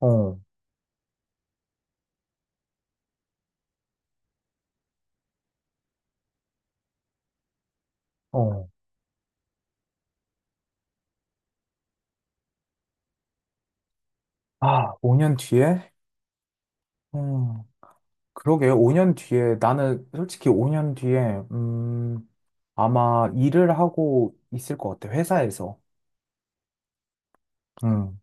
어, 어. 아, 5년 뒤에? 음, 그러게, 5년 뒤에. 나는 솔직히 5년 뒤에, 아마 일을 하고 있을 것 같아, 회사에서. 음.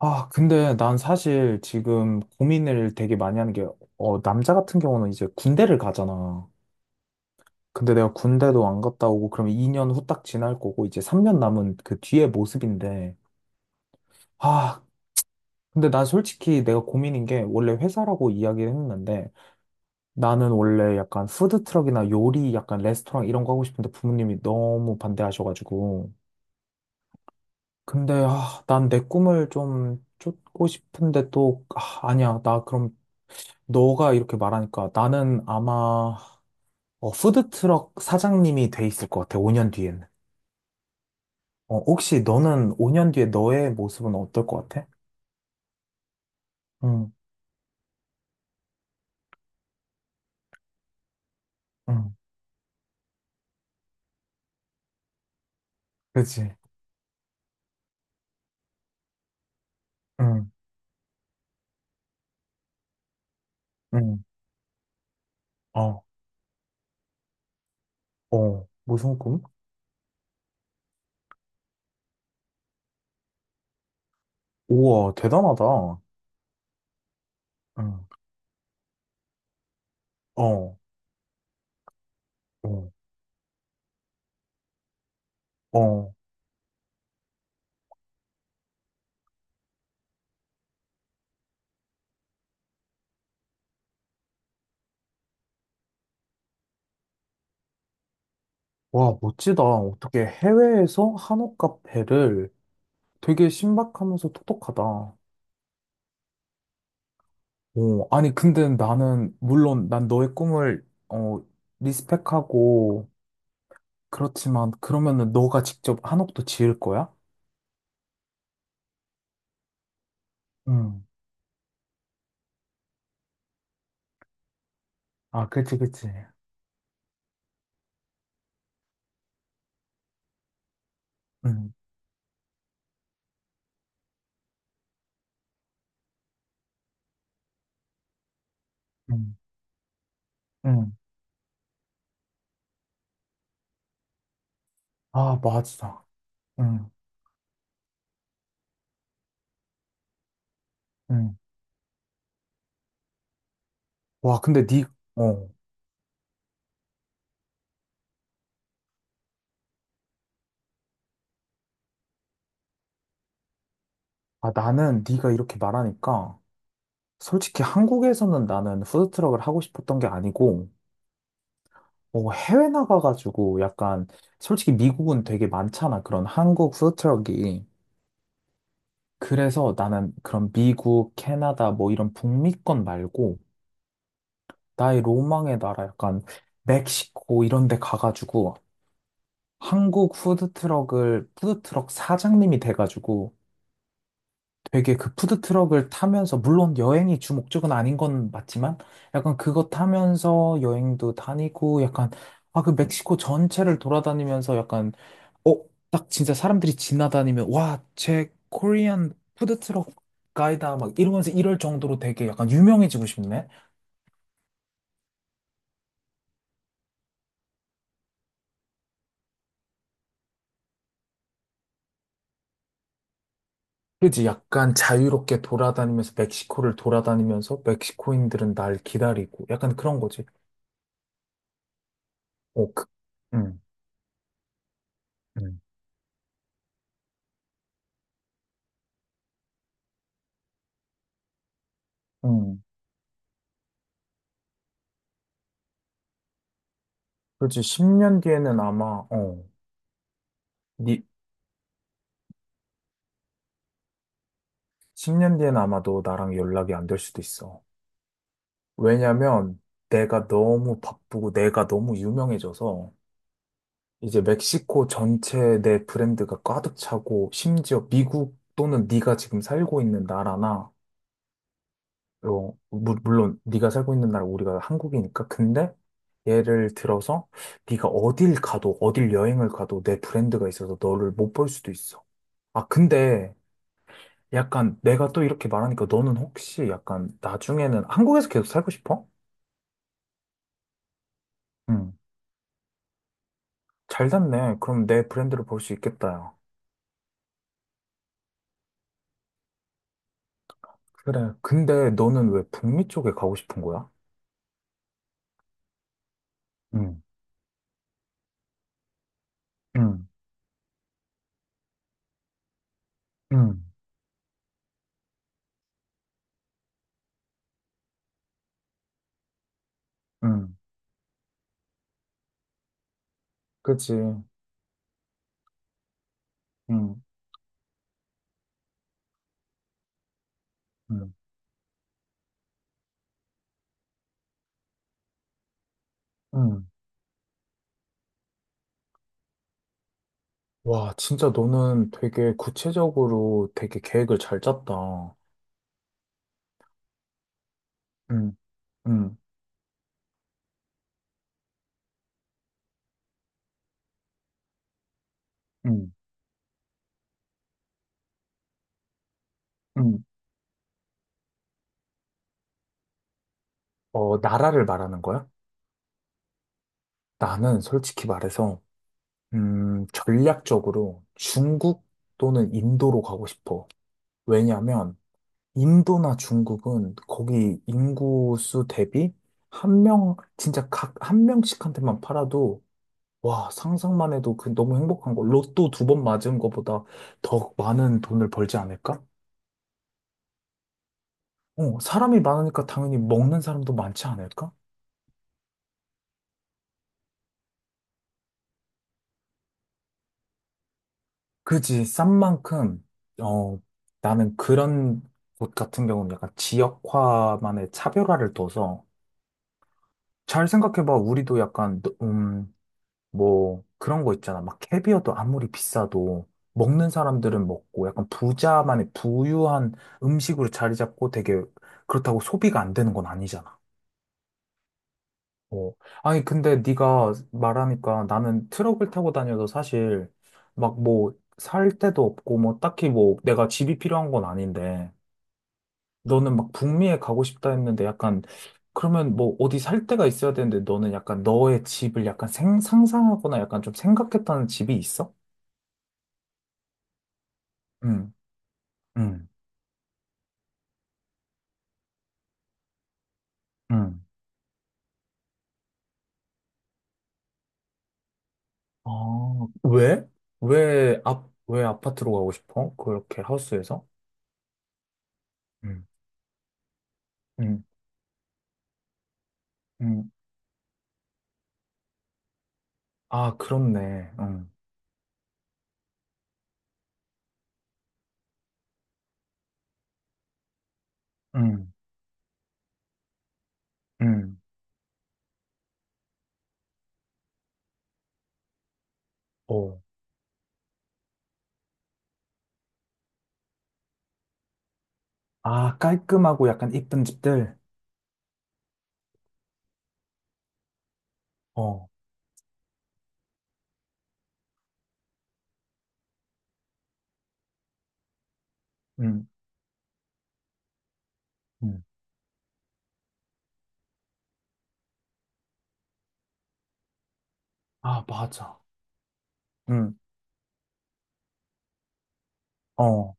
아, 근데 난 사실 지금 고민을 되게 많이 하는 게, 어, 남자 같은 경우는 이제 군대를 가잖아. 근데 내가 군대도 안 갔다 오고, 그러면 2년 후딱 지날 거고, 이제 3년 남은 그 뒤의 모습인데, 아, 근데 난 솔직히 내가 고민인 게, 원래 회사라고 이야기를 했는데, 나는 원래 약간 푸드트럭이나 요리, 약간 레스토랑 이런 거 하고 싶은데 부모님이 너무 반대하셔가지고. 근데, 아, 난 내 꿈을 좀 쫓고 싶은데 또, 아, 아니야. 나 그럼 너가 이렇게 말하니까 나는 아마 어, 푸드트럭 사장님이 돼 있을 것 같아. 5년 뒤에는. 어, 혹시 너는 5년 뒤에 너의 모습은 어떨 것 같아? 응, 응, 그치. 응, 응, 어, 어, 무슨 꿈? 우와, 대단하다. 응, 어, 어. 어. 와, 멋지다. 어떻게 해외에서 한옥 카페를 되게 신박하면서 똑똑하다. 어, 아니, 근데 나는, 물론 난 너의 꿈을, 어, 리스펙하고, 그렇지만, 그러면은 너가 직접 한옥도 지을 거야? 응. 아, 그치, 그치. 응, 응, 응. 아, 맞아. 응, 응. 와, 근데 니, 어. 아, 나는 네가 이렇게 말하니까, 솔직히 한국에서는 나는 푸드트럭을 하고 싶었던 게 아니고, 어, 해외 나가가지고 약간 솔직히 미국은 되게 많잖아. 그런 한국 푸드트럭이. 그래서 나는 그런 미국, 캐나다 뭐 이런 북미권 말고 나의 로망의 나라 약간 멕시코 이런 데 가가지고 한국 푸드트럭을 푸드트럭 사장님이 돼가지고 되게 그 푸드트럭을 타면서, 물론 여행이 주 목적은 아닌 건 맞지만, 약간 그거 타면서 여행도 다니고, 약간, 아, 그 멕시코 전체를 돌아다니면서 약간, 어, 딱 진짜 사람들이 지나다니면, 와, 제 코리안 푸드트럭 가이다, 막 이러면서 이럴 정도로 되게 약간 유명해지고 싶네? 그지? 약간 자유롭게 돌아다니면서, 멕시코를 돌아다니면서, 멕시코인들은 날 기다리고, 약간 그런 거지. 어, 그, 음, 음. 음. 그렇지. 10년 뒤에는 아마, 어, 니, 10년 뒤에는 아마도 나랑 연락이 안 될 수도 있어. 왜냐면 내가 너무 바쁘고 내가 너무 유명해져서 이제 멕시코 전체에 내 브랜드가 가득 차고 심지어 미국 또는 네가 지금 살고 있는 나라나, 어, 물론 네가 살고 있는 나라 우리가 한국이니까. 근데 예를 들어서 네가 어딜 가도 어딜 여행을 가도 내 브랜드가 있어서 너를 못 볼 수도 있어. 아, 근데 약간 내가 또 이렇게 말하니까 너는 혹시 약간 나중에는 한국에서 계속 살고 싶어? 응. 잘 됐네. 그럼 내 브랜드를 볼 수 있겠다. 야. 그래. 근데 너는 왜 북미 쪽에 가고 싶은 거야? 응, 응, 응, 응. 그치. 응, 응, 응. 와, 진짜 너는 되게 구체적으로 되게 계획을 잘 짰다. 응, 응, 응, 응. 어, 나라를 말하는 거야? 나는 솔직히 말해서 전략적으로 중국 또는 인도로 가고 싶어. 왜냐면 인도나 중국은 거기 인구수 대비 한 명, 진짜 각 한 명씩한테만 팔아도 와, 상상만 해도 그 너무 행복한 거. 로또 두 번 맞은 거보다 더 많은 돈을 벌지 않을까? 어, 사람이 많으니까 당연히 먹는 사람도 많지 않을까? 그지, 싼 만큼, 어, 나는 그런 곳 같은 경우는 약간 지역화만의 차별화를 둬서 잘 생각해봐. 우리도 약간, 뭐, 그런 거 있잖아. 막 캐비어도 아무리 비싸도 먹는 사람들은 먹고 약간 부자만의 부유한 음식으로 자리 잡고 되게 그렇다고 소비가 안 되는 건 아니잖아. 어. 아니, 근데 네가 말하니까 나는 트럭을 타고 다녀도 사실 막 뭐 살 데도 없고 뭐 딱히 뭐 내가 집이 필요한 건 아닌데 너는 막 북미에 가고 싶다 했는데 약간 그러면 뭐 어디 살 데가 있어야 되는데 너는 약간 너의 집을 약간 상상하거나 약간 좀 생각했다는 집이 있어? 응, 응, 응. 아, 왜? 왜 아, 왜 아파트로 가고 싶어? 그렇게 하우스에서? 응, 응, 응. 아, 그렇네. 응, 응, 응. 어. 아, 깔끔하고 약간 이쁜 집들. 어, 응, 응. 아, 맞아. 응. 어.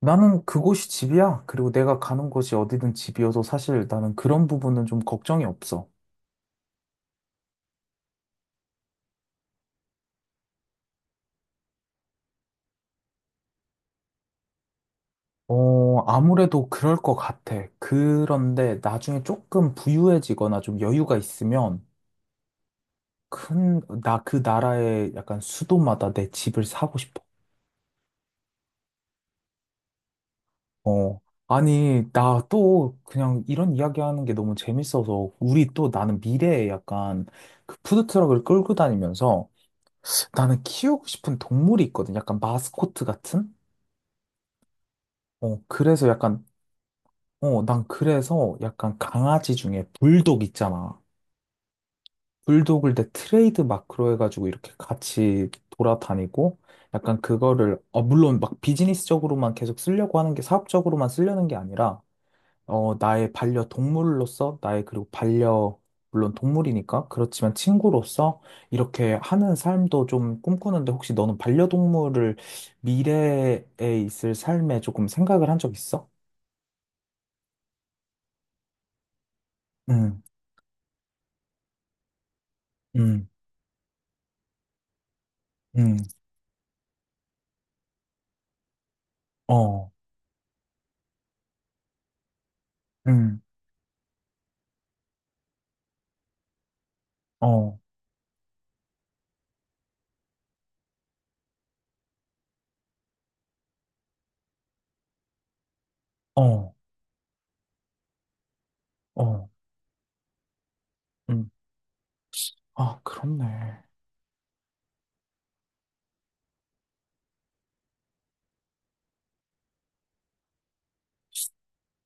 나는 그곳이 집이야. 그리고 내가 가는 곳이 어디든 집이어서 사실 나는 그런 부분은 좀 걱정이 없어. 어, 아무래도 그럴 것 같아. 그런데 나중에 조금 부유해지거나 좀 여유가 있으면 큰, 나 그 나라의 약간 수도마다 내 집을 사고 싶어. 어, 아니, 나 또 그냥 이런 이야기 하는 게 너무 재밌어서 우리 또 나는 미래에 약간 그 푸드트럭을 끌고 다니면서 나는 키우고 싶은 동물이 있거든. 약간 마스코트 같은? 어, 그래서 약간, 어, 난 그래서 약간 강아지 중에 불독 있잖아. 불독을 내 트레이드 마크로 해가지고 이렇게 같이 돌아다니고, 약간 그거를, 어, 물론 막 비즈니스적으로만 계속 쓰려고 하는 게 사업적으로만 쓰려는 게 아니라, 어, 나의 반려동물로서, 나의 그리고 반려, 물론 동물이니까, 그렇지만 친구로서 이렇게 하는 삶도 좀 꿈꾸는데, 혹시 너는 반려동물을 미래에 있을 삶에 조금 생각을 한 적 있어? 응, 응. 음, 어, 음, 어, 어, 어, 음. 아, 그렇네.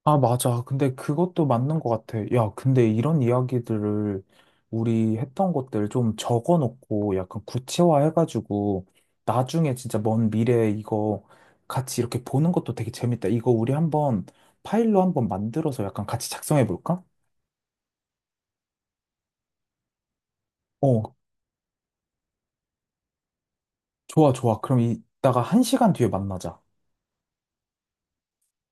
아, 맞아. 근데 그것도 맞는 것 같아. 야, 근데 이런 이야기들을 우리 했던 것들 좀 적어 놓고 약간 구체화해가지고 나중에 진짜 먼 미래에 이거 같이 이렇게 보는 것도 되게 재밌다. 이거 우리 한번 파일로 한번 만들어서 약간 같이 작성해 볼까? 어, 좋아, 좋아. 그럼 이따가 한 시간 뒤에 만나자.